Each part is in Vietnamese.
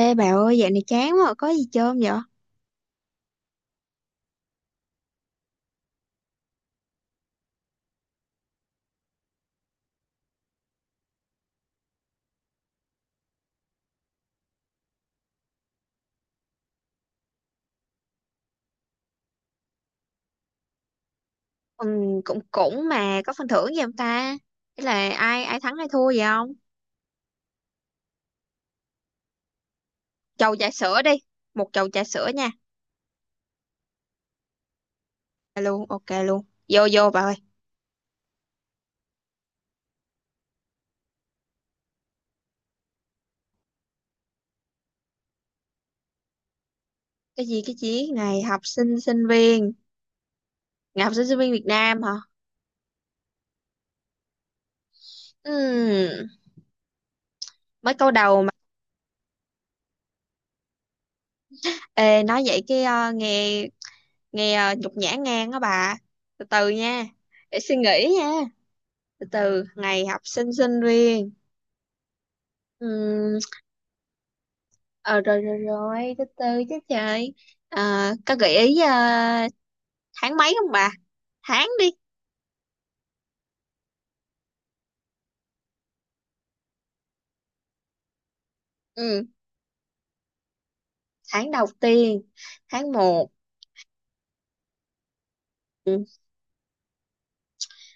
Ê bà ơi, dạo này chán quá, có gì chơi không vậy? Ừ, cũng cũng mà có phần thưởng gì không ta? Thế là ai ai thắng ai thua vậy không? Chầu trà sữa đi, một chầu trà sữa nha. Dạ luôn, ok luôn. Vô vô bà ơi. Cái gì cái gì? Ngày học sinh sinh viên, ngày học sinh sinh viên Việt Nam hả? Ừm, Mới câu đầu mà. Ê, nói vậy cái nghe nghe nhục nhã ngang đó bà. Từ từ nha, để suy nghĩ nha. Từ từ, ngày học sinh sinh viên. Ừm, Ờ, rồi rồi rồi, từ từ chứ trời. À, có gợi ý à, tháng mấy không bà? Tháng đi. Ừ, tháng đầu tiên, tháng một. Ừ.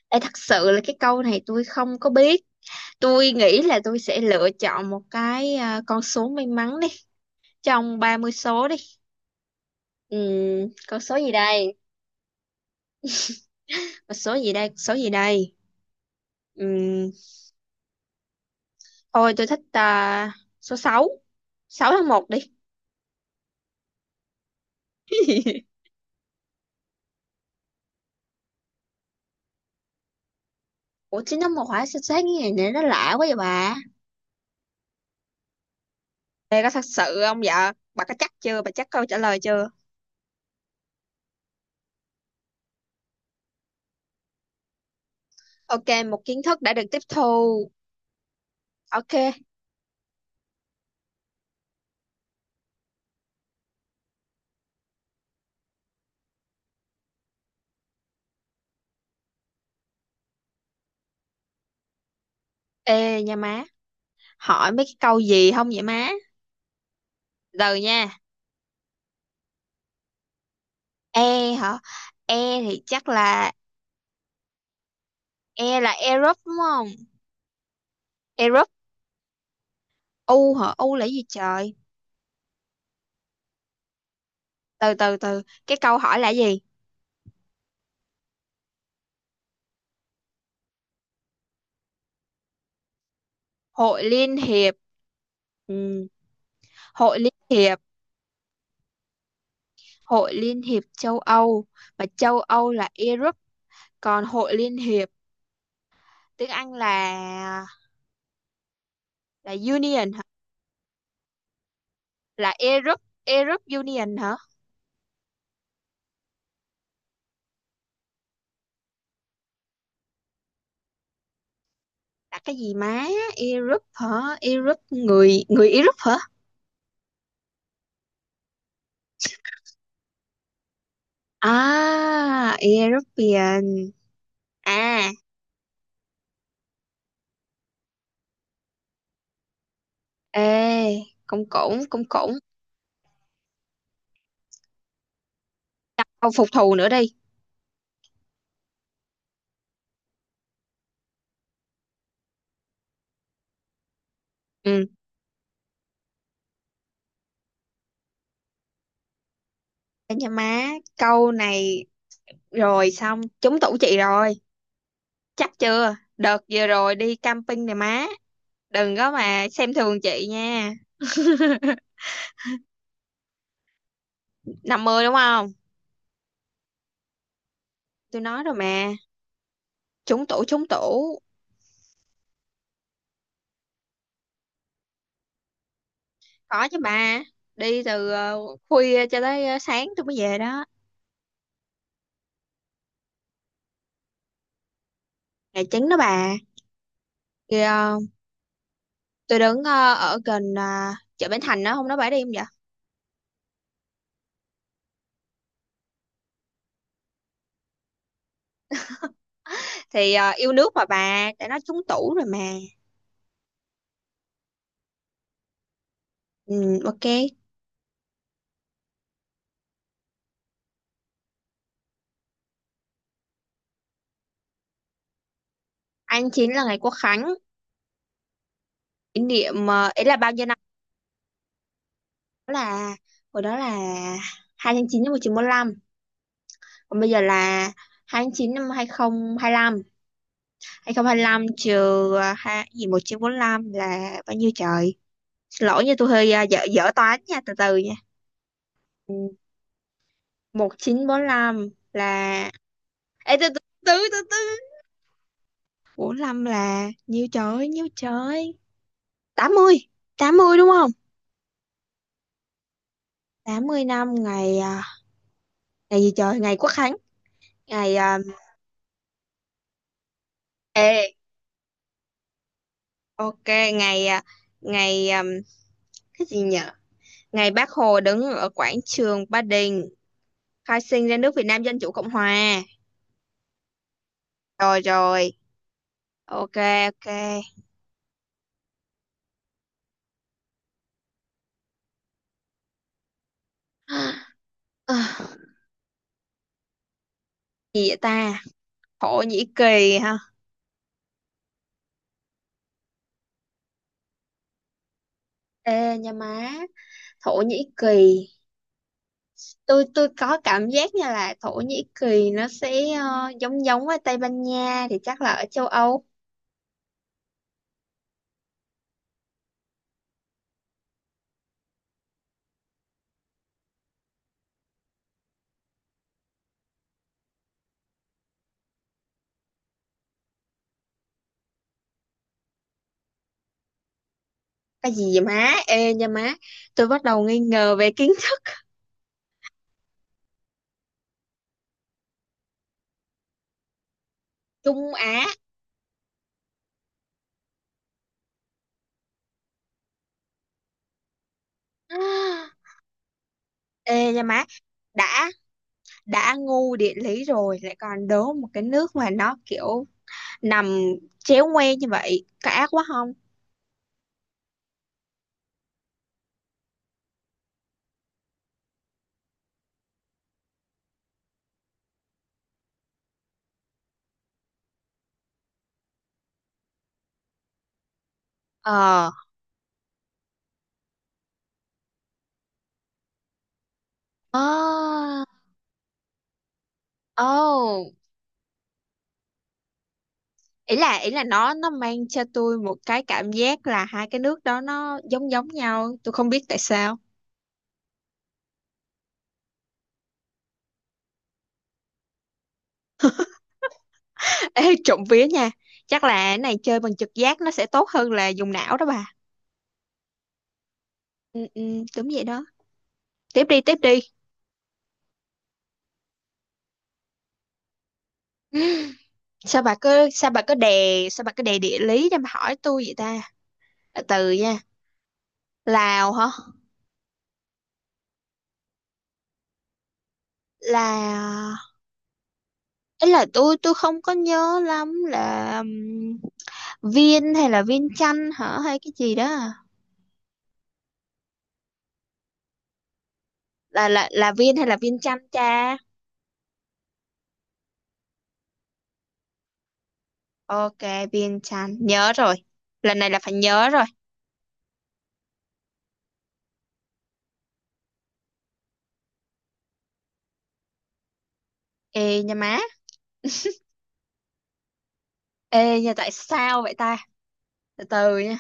Ê, thật sự là cái câu này tôi không có biết. Tôi nghĩ là tôi sẽ lựa chọn một cái con số may mắn đi, trong 30 số đi. Ừ, con số gì đây? Con số gì đây? Con số gì đây? Ừ, thôi tôi thích số sáu, 6 tháng một đi. Ủa chín tháng một hả? Sao sáng cái ngày này nó lạ quá vậy bà? Đây có thật sự không dạ? Bà có chắc chưa? Bà chắc câu trả lời chưa? Ok, một kiến thức đã được tiếp thu. Ok. Ê nha má, hỏi mấy cái câu gì không vậy má? Giờ nha. E hả? E thì chắc là E là Europe đúng không? Europe. U hả? U là gì trời? Từ từ từ. Cái câu hỏi là gì? Hội Liên hiệp. Ừ. Hội Liên hiệp, Hội Liên hiệp châu Âu, mà châu Âu là Europe, còn Hội Liên hiệp tiếng Anh là Union hả? Là Europe Europe Union hả? Là cái gì má? Europe hả? Europe, người người Europe hả? À, European à. Ê, cũng cũng cũng cũng câu phục thù nữa đi. Ừ, để cho má câu này, rồi xong trúng tủ chị rồi. Chắc chưa, đợt vừa rồi đi camping này má, đừng có mà xem thường chị nha. 50 đúng không? Tôi nói rồi mà, trúng tủ trúng tủ. Có chứ bà, đi từ khuya cho tới sáng tôi mới về đó. Ngày chín đó bà. Thì tôi đứng ở gần chợ Bến Thành đó, hôm đó bà đi không vậy? Thì yêu nước mà bà, tại nó trúng tủ rồi mà. Ừ, ok. Anh chín là ngày Quốc Khánh, kỷ niệm ấy là bao nhiêu năm? Đó là, hồi đó là 2/9 năm 1945, còn bây giờ là 2/9 năm 2025. 2025 trừ hai gì 1945 là bao nhiêu trời? Xin lỗi nha, tôi hơi dở dở toán nha, từ từ nha. 1945 là... Ê, từ từ, từ từ từ. 45 là nhiêu trời, nhiêu trời? Tám mươi, tám mươi đúng không? 80 năm ngày ngày gì trời? Ngày Quốc Khánh, ngày ê, ok, ngày ngày cái gì nhở? Ngày Bác Hồ đứng ở quảng trường Ba Đình khai sinh ra nước Việt Nam Dân Chủ Cộng Hòa. Rồi rồi ok ok. À, gì vậy ta? Khổ nhĩ kỳ ha. Ê nha má, Thổ Nhĩ Kỳ, tôi có cảm giác như là Thổ Nhĩ Kỳ nó sẽ giống giống với Tây Ban Nha, thì chắc là ở châu Âu. Cái gì vậy má? Ê nha má, tôi bắt đầu nghi ngờ về kiến thức. Trung Á. Ê nha má, đã đã ngu địa lý rồi lại còn đố một cái nước mà nó kiểu nằm chéo ngoe như vậy, có ác quá không? Ờ. Ờ. Ồ. Ý là nó mang cho tôi một cái cảm giác là hai cái nước đó nó giống giống nhau, tôi không biết tại sao. Ê, trộm vía nha, chắc là cái này chơi bằng trực giác nó sẽ tốt hơn là dùng não đó bà. Ừ, ừ, đúng vậy đó. Tiếp đi tiếp đi. Sao bà cứ sao bà cứ đè sao bà cứ đè địa lý cho mà hỏi tôi vậy ta? Từ từ nha. Lào hả? là ấy là tôi không có nhớ lắm là Viên hay là Viên Chanh hả, hay cái gì đó à? Là là viên hay là viên chanh cha? Ok, viên chanh nhớ rồi. Lần này là phải nhớ rồi. Ê nha má, ê nha, tại sao vậy ta? Từ từ nha.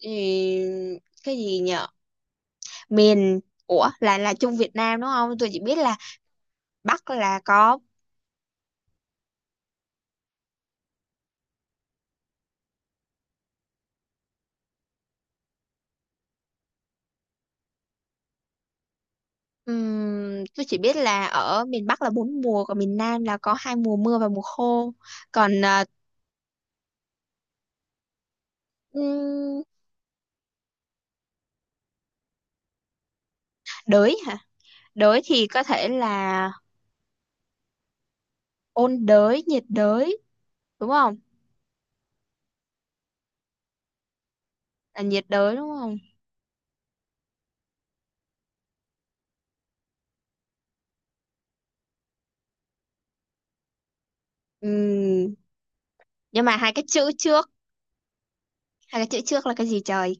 Ừ, cái gì nhở? miền ủa, là Trung Việt Nam đúng không? Tôi chỉ biết là Bắc là có... tôi chỉ biết là ở miền Bắc là bốn mùa, còn miền Nam là có hai mùa mưa và mùa khô. Còn ừm, đới hả? Đới thì có thể là ôn đới, nhiệt đới đúng không? Là nhiệt đới đúng không? Ừ, nhưng mà hai cái chữ trước, hai cái chữ trước là cái gì trời?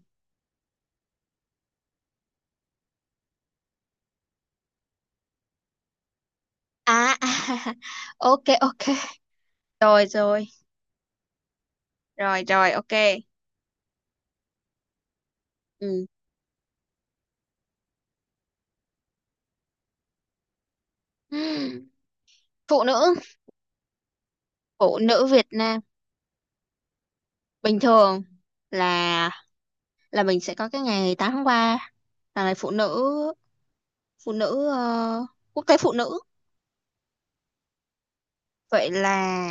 À. Ok ok. Rồi rồi, rồi rồi ok. Ừ. Ừm, Phụ nữ, phụ nữ Việt Nam, bình thường là là mình sẽ có cái ngày 8 tháng 3 là ngày phụ nữ, quốc tế phụ nữ. Vậy là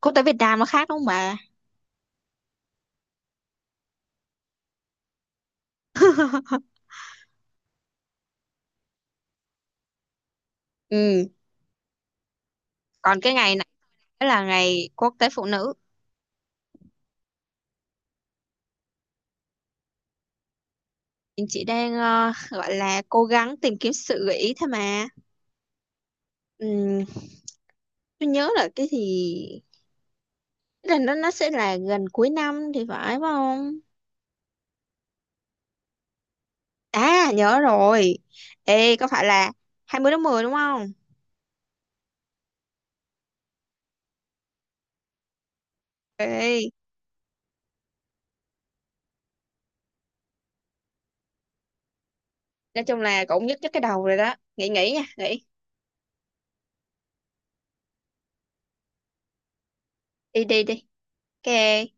quốc tế Việt Nam nó khác đúng không bà? Ừ, còn cái ngày này là ngày quốc tế phụ nữ. Mình chỉ đang gọi là cố gắng tìm kiếm sự gợi ý thôi mà. Ừm, tôi nhớ là cái lần đó nó sẽ là gần cuối năm thì phải, phải không? À nhớ rồi. Ê có phải là 20/10 đúng không? Ê, nói chung là cũng nhất nhức cái đầu rồi đó. Nghĩ nghĩ nha, nghĩ. Đi đi đi. Ok.